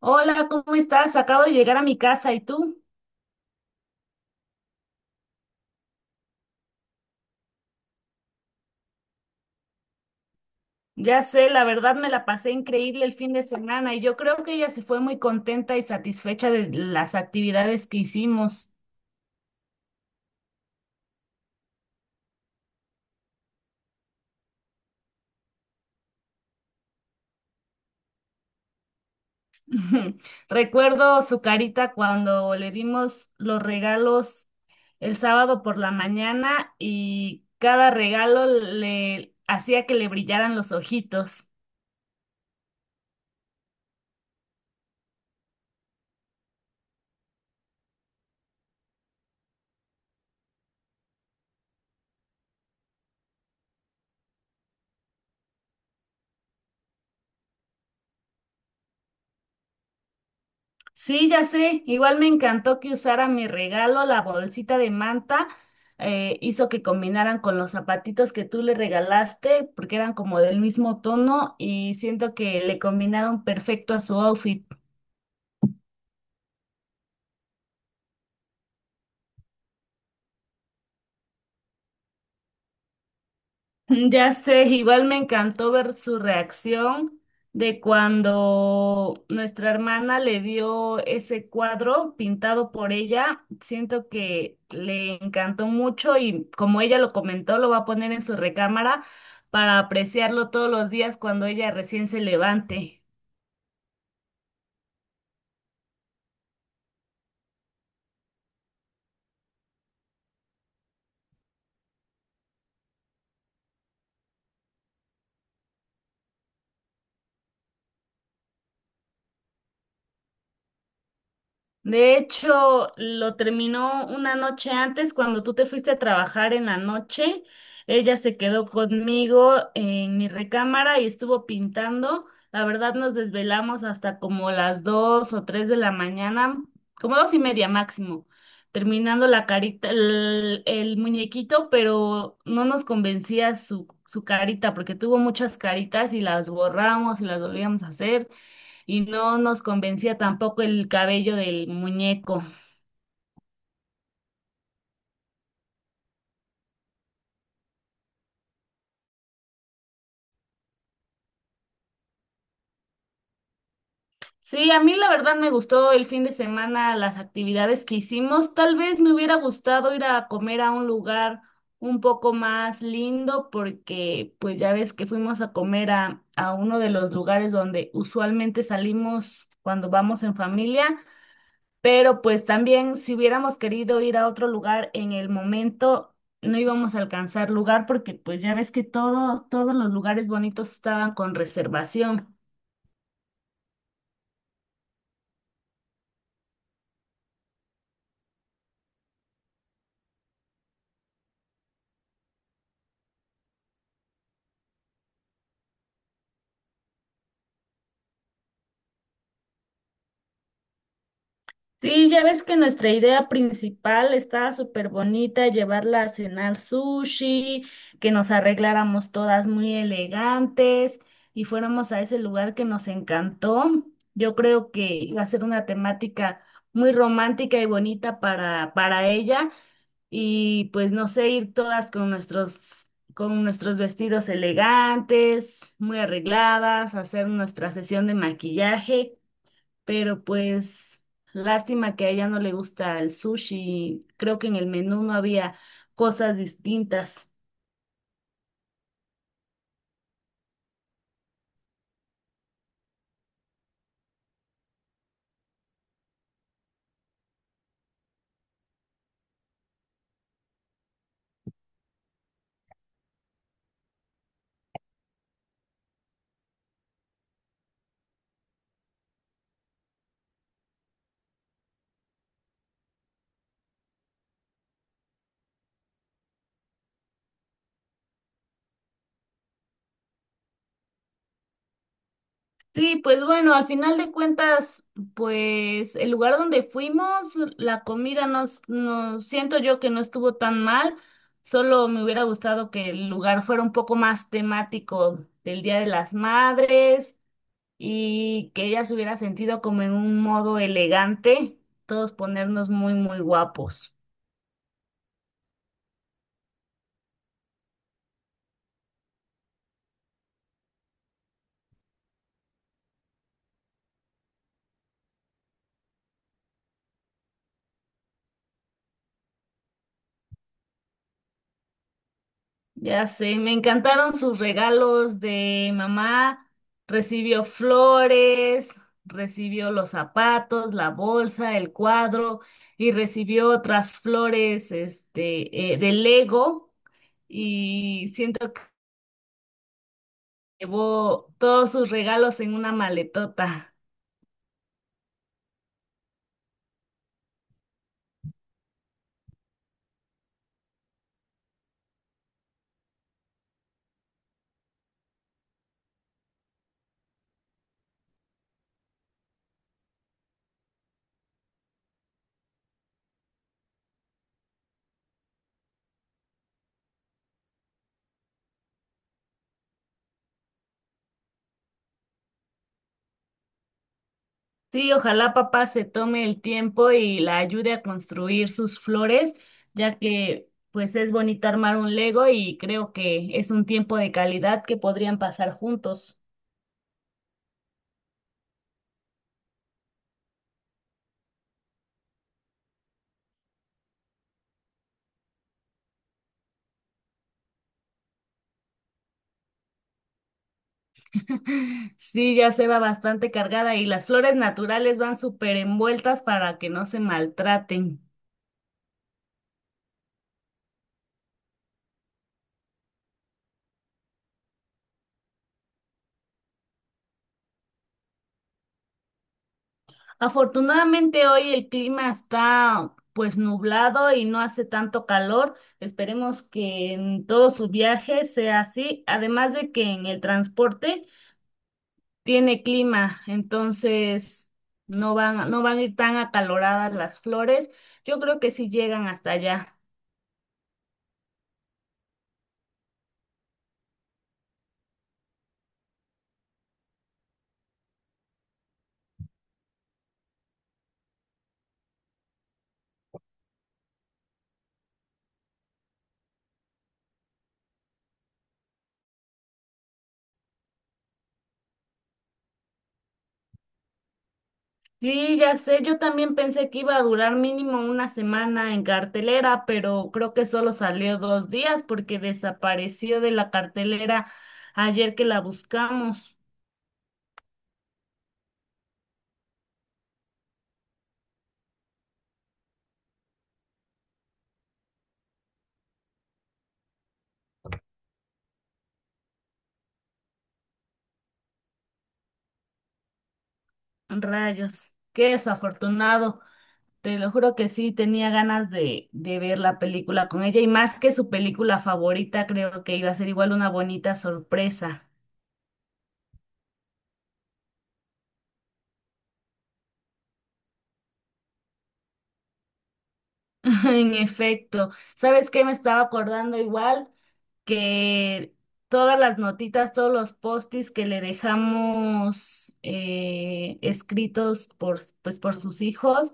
Hola, ¿cómo estás? Acabo de llegar a mi casa y tú, ya sé, la verdad me la pasé increíble el fin de semana y yo creo que ella se fue muy contenta y satisfecha de las actividades que hicimos. Recuerdo su carita cuando le dimos los regalos el sábado por la mañana y cada regalo le hacía que le brillaran los ojitos. Sí, ya sé. Igual me encantó que usara mi regalo, la bolsita de manta. Hizo que combinaran con los zapatitos que tú le regalaste, porque eran como del mismo tono y siento que le combinaron perfecto a su outfit. Ya sé, igual me encantó ver su reacción de cuando nuestra hermana le dio ese cuadro pintado por ella. Siento que le encantó mucho y, como ella lo comentó, lo va a poner en su recámara para apreciarlo todos los días cuando ella recién se levante. De hecho, lo terminó una noche antes, cuando tú te fuiste a trabajar en la noche. Ella se quedó conmigo en mi recámara y estuvo pintando. La verdad, nos desvelamos hasta como las dos o tres de la mañana, como dos y media máximo, terminando la carita, el muñequito, pero no nos convencía su carita, porque tuvo muchas caritas y las borramos y las volvíamos a hacer y no nos convencía tampoco el cabello del muñeco. Sí, a mí la verdad me gustó el fin de semana las actividades que hicimos. Tal vez me hubiera gustado ir a comer a un lugar un poco más lindo, porque pues ya ves que fuimos a comer a uno de los lugares donde usualmente salimos cuando vamos en familia. Pero pues también, si hubiéramos querido ir a otro lugar en el momento, no íbamos a alcanzar lugar porque pues ya ves que todo, todos los lugares bonitos estaban con reservación. Sí, ya ves que nuestra idea principal estaba súper bonita, llevarla a cenar sushi, que nos arregláramos todas muy elegantes y fuéramos a ese lugar que nos encantó. Yo creo que iba a ser una temática muy romántica y bonita para ella. Y pues no sé, ir todas con nuestros vestidos elegantes, muy arregladas, hacer nuestra sesión de maquillaje, pero pues lástima que a ella no le gusta el sushi, creo que en el menú no había cosas distintas. Sí, pues bueno, al final de cuentas, pues el lugar donde fuimos, la comida nos, nos siento yo que no estuvo tan mal, solo me hubiera gustado que el lugar fuera un poco más temático del Día de las Madres y que ella se hubiera sentido como en un modo elegante, todos ponernos muy, muy guapos. Ya sé, me encantaron sus regalos de mamá. Recibió flores, recibió los zapatos, la bolsa, el cuadro y recibió otras flores, este, de Lego, y siento que llevó todos sus regalos en una maletota. Sí, ojalá papá se tome el tiempo y la ayude a construir sus flores, ya que pues es bonito armar un Lego y creo que es un tiempo de calidad que podrían pasar juntos. Sí, ya se va bastante cargada y las flores naturales van súper envueltas para que no se maltraten. Afortunadamente hoy el clima está pues nublado y no hace tanto calor. Esperemos que en todo su viaje sea así, además de que en el transporte tiene clima, entonces no van a ir tan acaloradas las flores. Yo creo que sí llegan hasta allá. Sí, ya sé, yo también pensé que iba a durar mínimo una semana en cartelera, pero creo que solo salió dos días porque desapareció de la cartelera ayer que la buscamos. Rayos, qué desafortunado. Te lo juro que sí, tenía ganas de ver la película con ella y, más que su película favorita, creo que iba a ser igual una bonita sorpresa. En efecto, ¿sabes qué? Me estaba acordando igual, que todas las notitas, todos los postis que le dejamos, escritos por, pues, por sus hijos,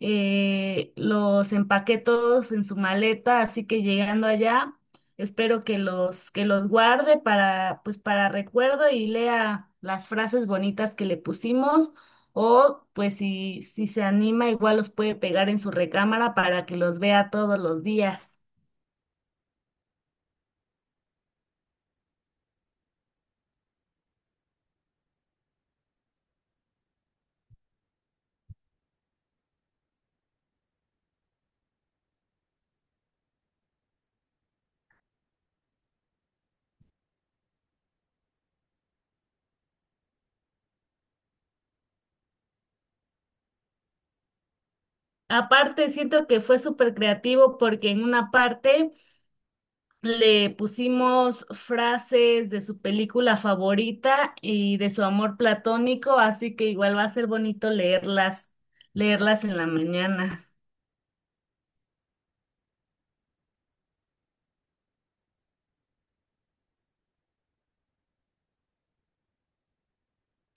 los empaqué todos en su maleta, así que llegando allá, espero que los guarde para, pues, para recuerdo y lea las frases bonitas que le pusimos. O pues si, si se anima, igual los puede pegar en su recámara para que los vea todos los días. Aparte, siento que fue súper creativo porque en una parte le pusimos frases de su película favorita y de su amor platónico, así que igual va a ser bonito leerlas, leerlas en la mañana.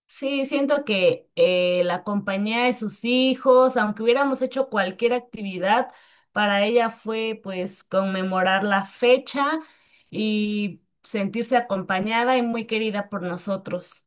Sí, siento que la compañía de sus hijos, aunque hubiéramos hecho cualquier actividad, para ella fue pues conmemorar la fecha y sentirse acompañada y muy querida por nosotros.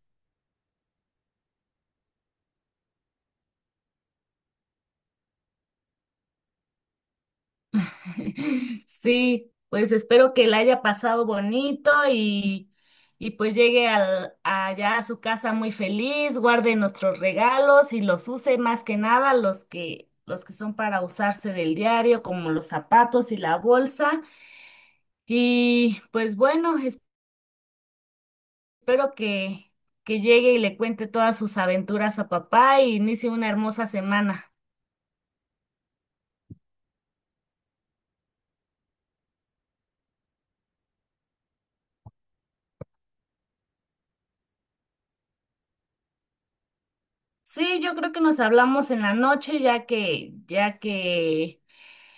Sí, pues espero que la haya pasado bonito y pues llegue al, allá a su casa muy feliz, guarde nuestros regalos y los use más que nada los que, los que son para usarse del diario, como los zapatos y la bolsa. Y pues bueno, espero que llegue y le cuente todas sus aventuras a papá y inicie una hermosa semana. Sí, yo creo que nos hablamos en la noche, ya que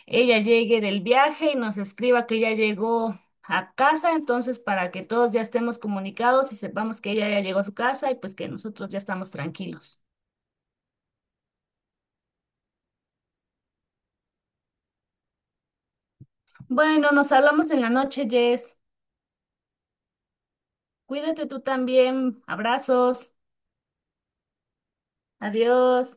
ella llegue del viaje y nos escriba que ya llegó a casa, entonces para que todos ya estemos comunicados y sepamos que ella ya llegó a su casa y pues que nosotros ya estamos tranquilos. Bueno, nos hablamos en la noche, Jess. Cuídate tú también. Abrazos. Adiós.